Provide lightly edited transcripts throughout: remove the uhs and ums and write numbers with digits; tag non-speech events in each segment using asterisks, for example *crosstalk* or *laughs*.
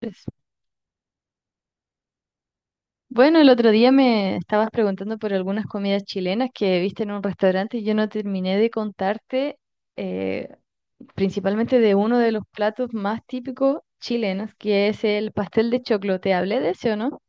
Pues, bueno, el otro día me estabas preguntando por algunas comidas chilenas que viste en un restaurante y yo no terminé de contarte, eh, principalmente de uno de los platos más típicos chilenos, que es el pastel de choclo. ¿Te hablé de ese o no?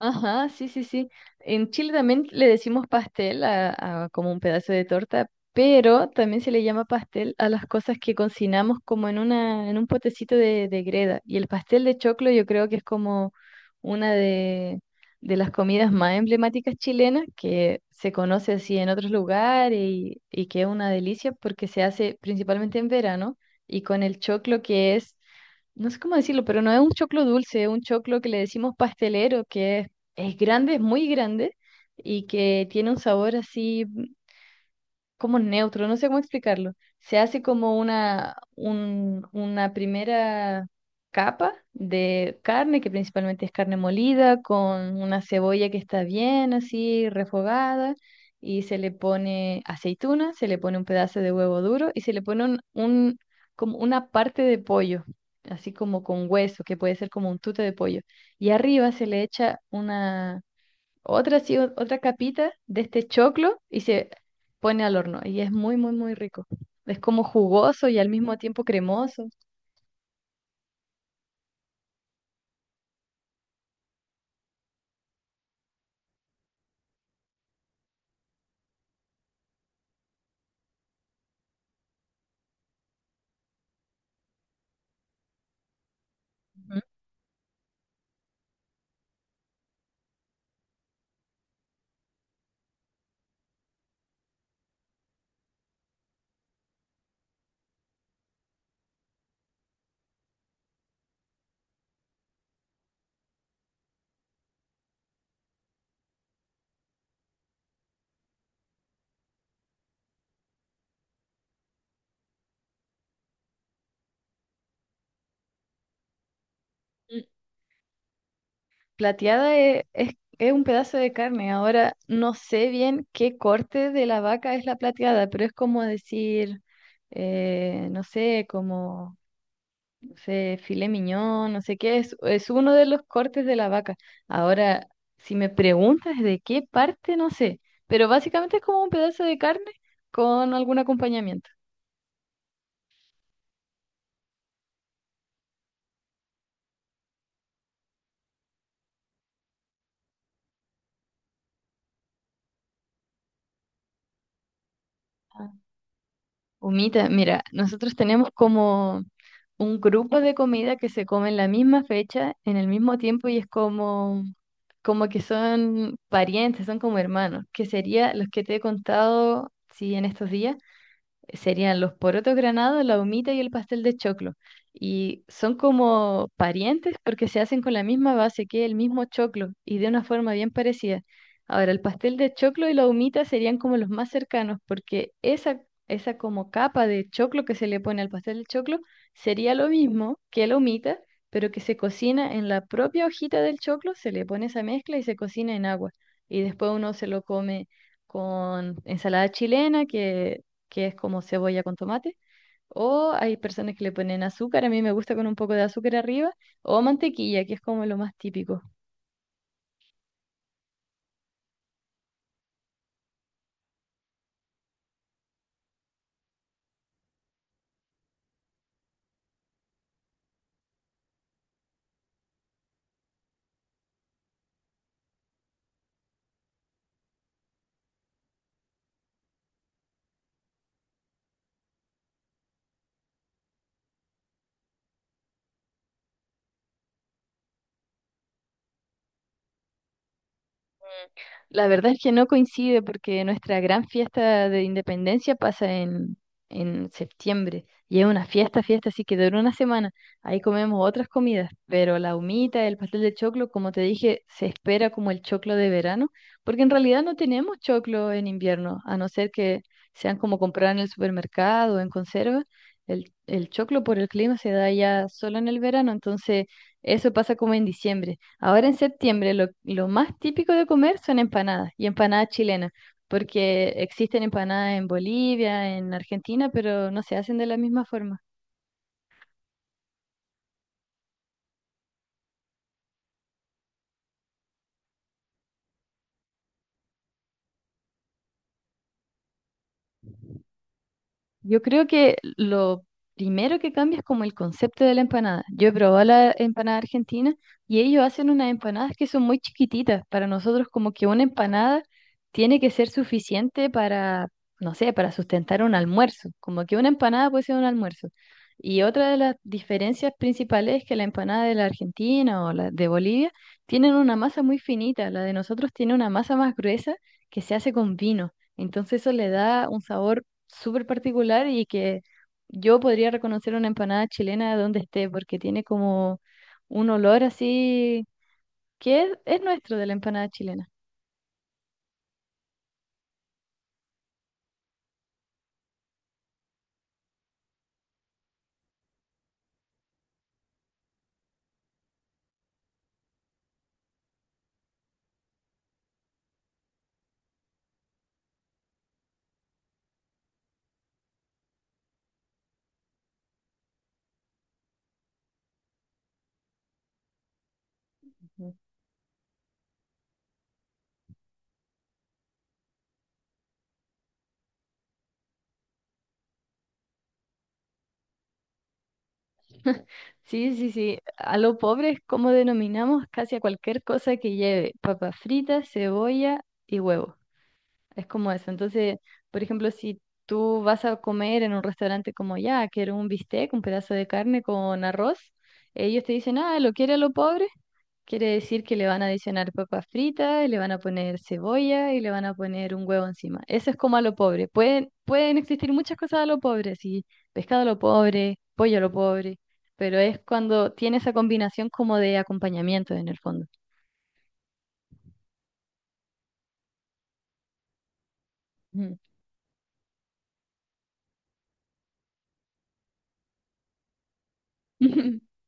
Ajá, sí, sí, sí. En Chile también le decimos pastel a como un pedazo de torta, pero también se le llama pastel a las cosas que cocinamos como en una, en un potecito de greda. Y el pastel de choclo yo creo que es como una de las comidas más emblemáticas chilenas que se conoce así en otros lugares y que es una delicia porque se hace principalmente en verano y con el choclo que es, no sé cómo decirlo, pero no es un choclo dulce, es un choclo que le decimos pastelero, que es grande, es muy grande y que tiene un sabor así como neutro, no sé cómo explicarlo. Se hace como una, una primera capa de carne, que principalmente es carne molida, con una cebolla que está bien así refogada. Y se le pone aceituna, se le pone un pedazo de huevo duro y se le pone un, como una parte de pollo, así como con hueso, que puede ser como un tute de pollo. Y arriba se le echa una, otra, así, otra capita de este choclo y se pone al horno. Y es muy, muy, muy rico. Es como jugoso y al mismo tiempo cremoso. Ujú. Mm. Plateada es un pedazo de carne. Ahora no sé bien qué corte de la vaca es la plateada, pero es como decir, no sé, como no sé, filé miñón, no sé qué, es uno de los cortes de la vaca. Ahora, si me preguntas de qué parte, no sé, pero básicamente es como un pedazo de carne con algún acompañamiento. Ah, humita, mira, nosotros tenemos como un grupo de comida que se come en la misma fecha, en el mismo tiempo, y es como, como que son parientes, son como hermanos, que sería los que te he contado, sí, en estos días serían los porotos granados, la humita y el pastel de choclo. Y son como parientes porque se hacen con la misma base que el mismo choclo y de una forma bien parecida. Ahora, el pastel de choclo y la humita serían como los más cercanos porque esa como capa de choclo que se le pone al pastel de choclo sería lo mismo que la humita, pero que se cocina en la propia hojita del choclo, se le pone esa mezcla y se cocina en agua. Y después uno se lo come con ensalada chilena, que es como cebolla con tomate, o hay personas que le ponen azúcar, a mí me gusta con un poco de azúcar arriba, o mantequilla, que es como lo más típico. La verdad es que no coincide porque nuestra gran fiesta de independencia pasa en septiembre y es una fiesta, fiesta, así que dura una semana. Ahí comemos otras comidas, pero la humita, el pastel de choclo, como te dije, se espera como el choclo de verano, porque en realidad no tenemos choclo en invierno, a no ser que sean como comprar en el supermercado o en conserva. El choclo por el clima se da ya solo en el verano, entonces eso pasa como en diciembre. Ahora en septiembre lo más típico de comer son empanadas y empanadas chilenas, porque existen empanadas en Bolivia, en Argentina, pero no se hacen de la misma forma. Yo creo que lo primero que cambia es como el concepto de la empanada. Yo he probado la empanada argentina y ellos hacen unas empanadas que son muy chiquititas. Para nosotros como que una empanada tiene que ser suficiente para, no sé, para sustentar un almuerzo. Como que una empanada puede ser un almuerzo. Y otra de las diferencias principales es que la empanada de la Argentina o la de Bolivia tienen una masa muy finita. La de nosotros tiene una masa más gruesa que se hace con vino. Entonces eso le da un sabor súper particular y que yo podría reconocer una empanada chilena de donde esté, porque tiene como un olor así que es nuestro de la empanada chilena. Ujú. Sí, sí, sí. A lo pobre es como denominamos casi a cualquier cosa que lleve papas fritas, cebolla y huevo. Es como eso. Entonces, por ejemplo, si tú vas a comer en un restaurante como ya, quiero un bistec, un pedazo de carne con arroz, ellos te dicen, ah, ¿lo quiere a lo pobre? Quiere decir que le van a adicionar papas fritas, le van a poner cebolla y le van a poner un huevo encima. Eso es como a lo pobre. Pueden, pueden existir muchas cosas a lo pobre, sí, pescado a lo pobre, pollo a lo pobre, pero es cuando tiene esa combinación como de acompañamiento en el fondo. Ujú. *laughs*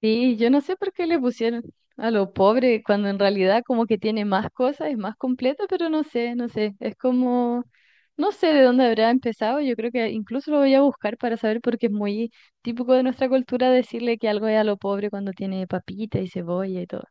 Sí, yo no sé por qué le pusieron a lo pobre cuando en realidad como que tiene más cosas, es más completa, pero no sé, no sé, es como, no sé de dónde habrá empezado, yo creo que incluso lo voy a buscar para saber porque es muy típico de nuestra cultura decirle que algo es a lo pobre cuando tiene papita y cebolla y todo.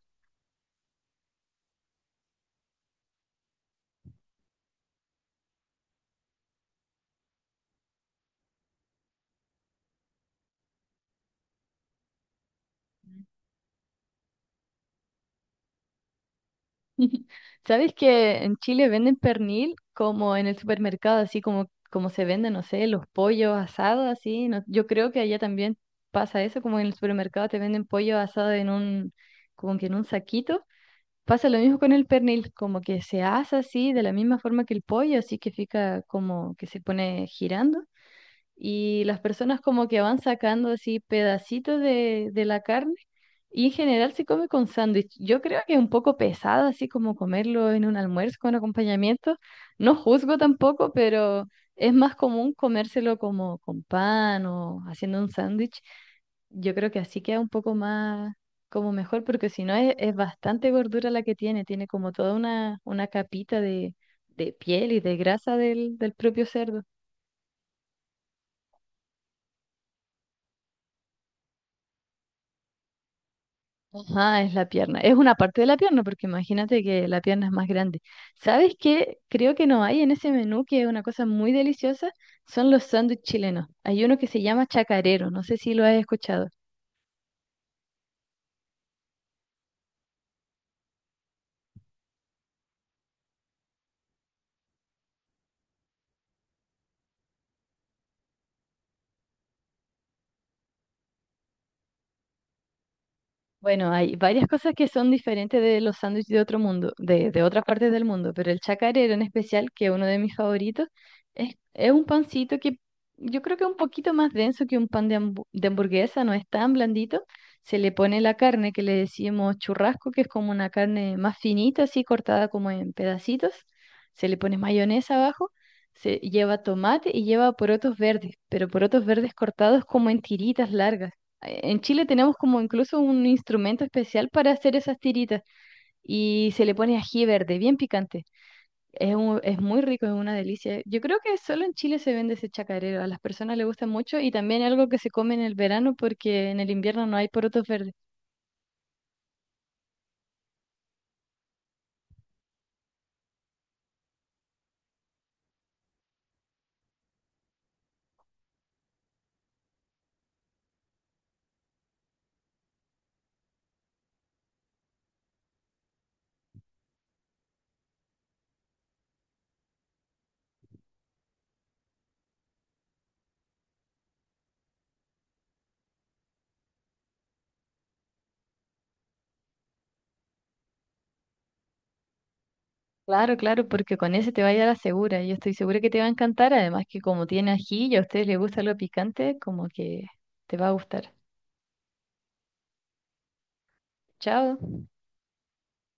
*laughs* ¿Sabes que en Chile venden pernil como en el supermercado, así como, como se venden, no sé, los pollos asados, así? No, yo creo que allá también pasa eso, como en el supermercado te venden pollo asado en un, como que en un saquito. Pasa lo mismo con el pernil, como que se asa así, de la misma forma que el pollo, así que fica como que se pone girando y las personas como que van sacando así pedacitos de la carne y en general se come con sándwich. Yo creo que es un poco pesado así como comerlo en un almuerzo con acompañamiento. No juzgo tampoco, pero es más común comérselo como con pan o haciendo un sándwich. Yo creo que así queda un poco más como mejor, porque si no es, es bastante gordura la que tiene, tiene como toda una capita de piel y de grasa del propio cerdo. Ajá, es la pierna. Es una parte de la pierna, porque imagínate que la pierna es más grande. ¿Sabes qué? Creo que no hay en ese menú, que es una cosa muy deliciosa, son los sándwiches chilenos. Hay uno que se llama chacarero, no sé si lo has escuchado. Bueno, hay varias cosas que son diferentes de los sándwiches de otro mundo, de otras partes del mundo, pero el chacarero en especial, que es uno de mis favoritos, es un pancito que yo creo que es un poquito más denso que un pan de, de hamburguesa, no es tan blandito. Se le pone la carne que le decimos churrasco, que es como una carne más finita, así cortada como en pedacitos. Se le pone mayonesa abajo, se lleva tomate y lleva porotos verdes, pero porotos verdes cortados como en tiritas largas. En Chile tenemos como incluso un instrumento especial para hacer esas tiritas y se le pone ají verde, bien picante. Es, es muy rico, es una delicia. Yo creo que solo en Chile se vende ese chacarero, a las personas les gusta mucho y también es algo que se come en el verano porque en el invierno no hay porotos verdes. Claro, claro, porque con ese te vaya a la segura. Yo estoy segura que te va a encantar, además que como tiene ají y a ustedes les gusta lo picante, como que te va a gustar. Chao.